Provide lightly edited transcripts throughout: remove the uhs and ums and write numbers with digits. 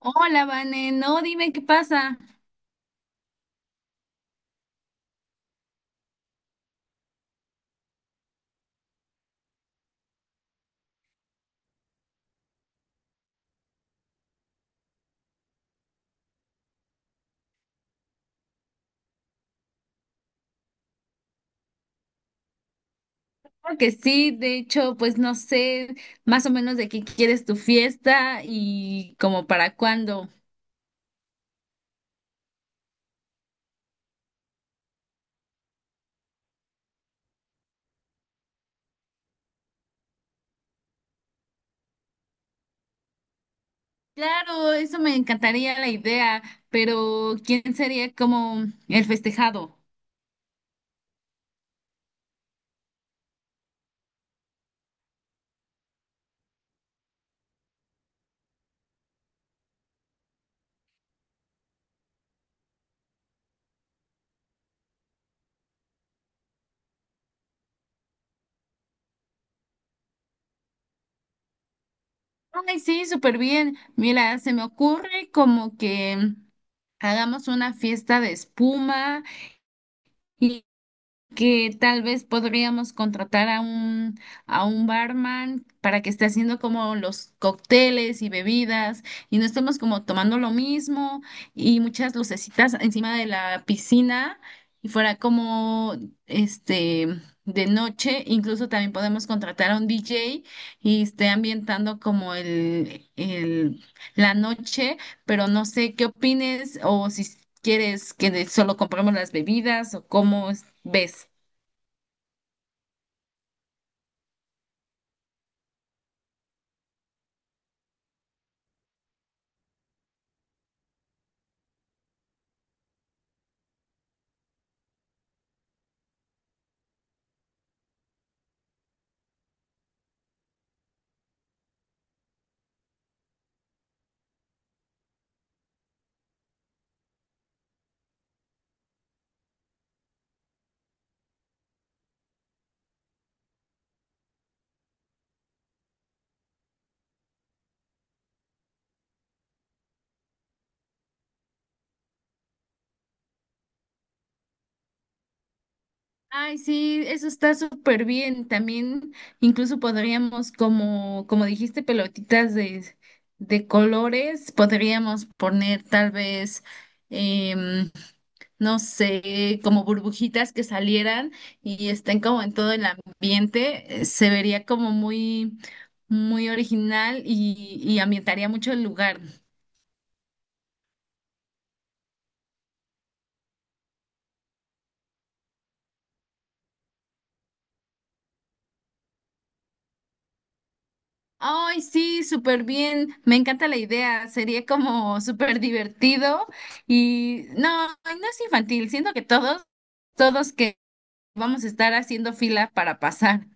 Hola, Vane, no, dime qué pasa. Claro que sí, de hecho, pues no sé más o menos de qué quieres tu fiesta y como para cuándo. Claro, eso me encantaría la idea, pero ¿quién sería como el festejado? Ay, sí, súper bien. Mira, se me ocurre como que hagamos una fiesta de espuma que tal vez podríamos contratar a un barman para que esté haciendo como los cócteles y bebidas y no estemos como tomando lo mismo, y muchas lucecitas encima de la piscina y fuera como este de noche. Incluso también podemos contratar a un DJ y esté ambientando como el la noche, pero no sé qué opines, o si quieres que solo compremos las bebidas o cómo ves. Ay, sí, eso está súper bien. También incluso podríamos, como, como dijiste, pelotitas de colores. Podríamos poner tal vez, em, no sé, como burbujitas que salieran y estén como en todo el ambiente. Se vería como muy, muy original y ambientaría mucho el lugar. Ay, sí, súper bien. Me encanta la idea. Sería como súper divertido y no, no es infantil. Siento que todos que vamos a estar haciendo fila para pasar.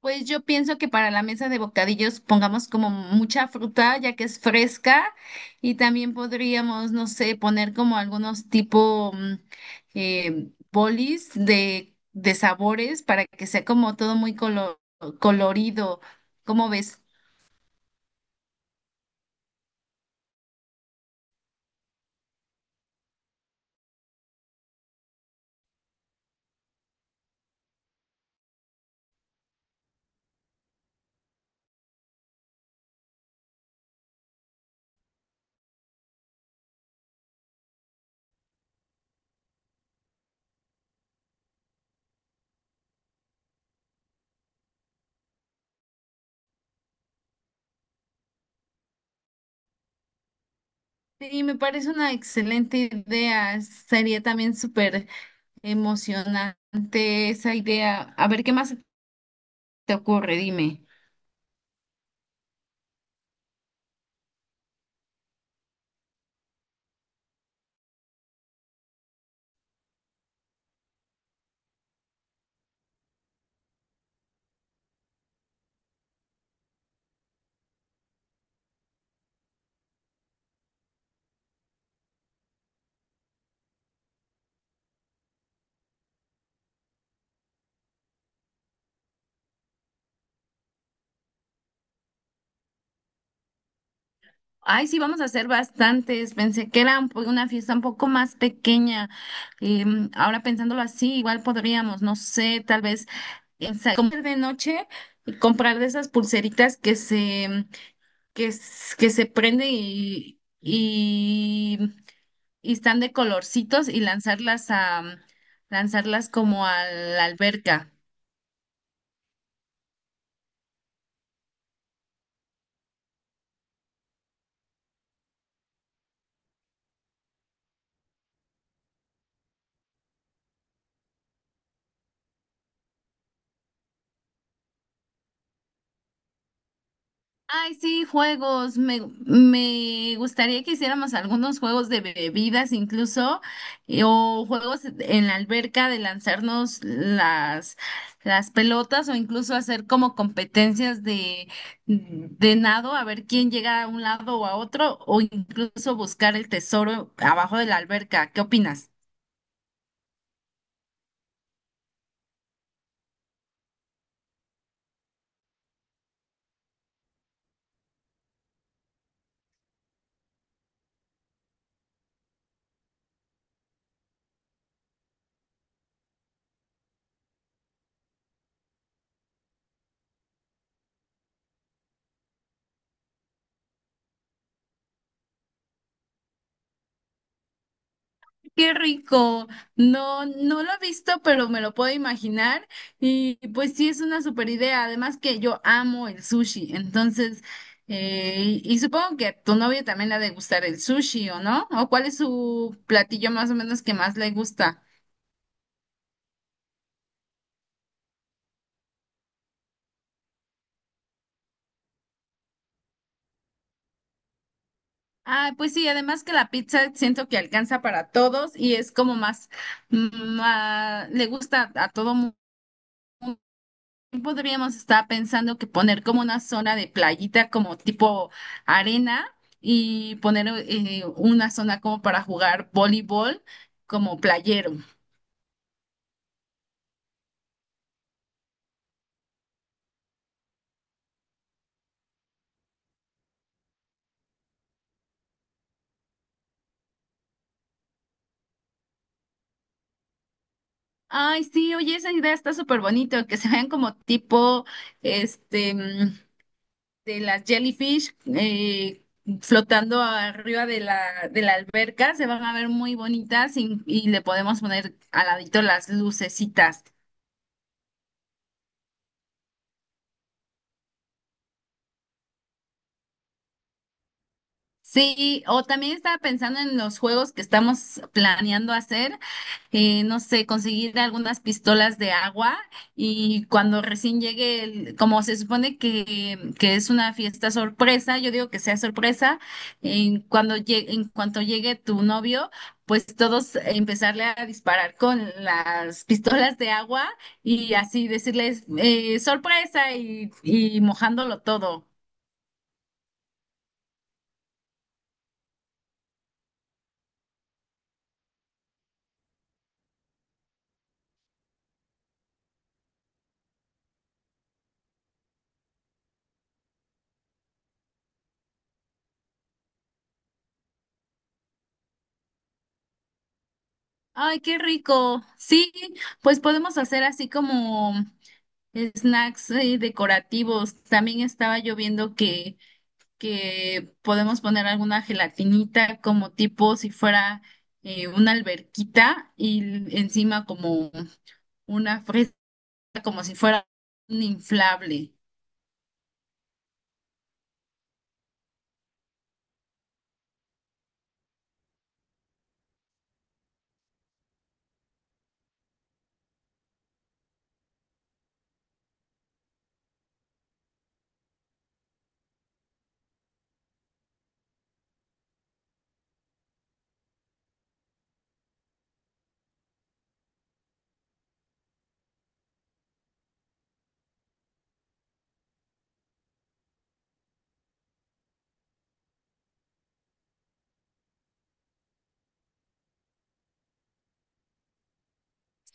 Pues yo pienso que para la mesa de bocadillos pongamos como mucha fruta, ya que es fresca, y también podríamos, no sé, poner como algunos tipo bolis de sabores para que sea como todo muy colorido. ¿Cómo ves? Sí, me parece una excelente idea. Sería también súper emocionante esa idea. A ver, ¿qué más te ocurre? Dime. Ay, sí, vamos a hacer bastantes. Pensé que era una fiesta un poco más pequeña. Ahora pensándolo así, igual podríamos, no sé, tal vez en comprar de noche, y comprar de esas pulseritas que se que se prende y están de colorcitos y lanzarlas como a la alberca. Ay, sí, juegos. Me gustaría que hiciéramos algunos juegos de bebidas incluso, o juegos en la alberca de lanzarnos las pelotas, o incluso hacer como competencias de nado, a ver quién llega a un lado o a otro, o incluso buscar el tesoro abajo de la alberca. ¿Qué opinas? Qué rico. No, no lo he visto, pero me lo puedo imaginar. Y pues sí, es una super idea. Además que yo amo el sushi. Entonces, y supongo que a tu novio también le ha de gustar el sushi, ¿o no? ¿O cuál es su platillo más o menos que más le gusta? Ah, pues sí, además que la pizza siento que alcanza para todos y es como más, le gusta a todo mundo. Podríamos estar pensando que poner como una zona de playita, como tipo arena, y poner una zona como para jugar voleibol, como playero. Ay, sí, oye, esa idea está súper bonito, que se vean como tipo, este, mm, de las jellyfish flotando arriba de de la alberca. Se van a ver muy bonitas y le podemos poner al ladito las lucecitas. Sí, o también estaba pensando en los juegos que estamos planeando hacer. No sé, conseguir algunas pistolas de agua, y cuando recién llegue, como se supone que es una fiesta sorpresa, yo digo que sea sorpresa, en cuanto llegue tu novio, pues todos empezarle a disparar con las pistolas de agua y así decirles sorpresa y mojándolo todo. Ay, qué rico. Sí, pues podemos hacer así como snacks decorativos. También estaba yo viendo que podemos poner alguna gelatinita como tipo si fuera una alberquita y encima como una fresa, como si fuera un inflable.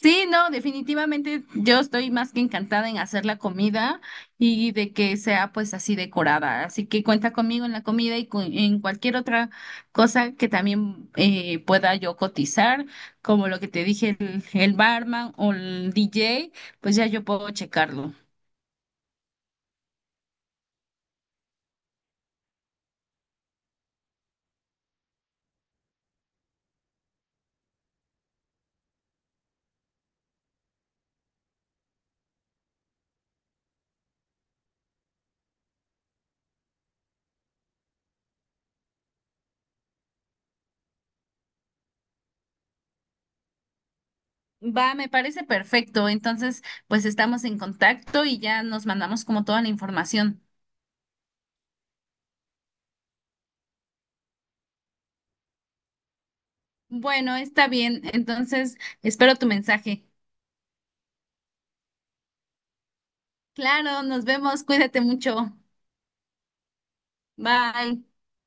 Sí, no, definitivamente yo estoy más que encantada en hacer la comida y de que sea pues así decorada. Así que cuenta conmigo en la comida y en cualquier otra cosa que también pueda yo cotizar, como lo que te dije, el barman o el DJ, pues ya yo puedo checarlo. Va, me parece perfecto. Entonces, pues estamos en contacto y ya nos mandamos como toda la información. Bueno, está bien. Entonces, espero tu mensaje. Claro, nos vemos. Cuídate mucho. Bye.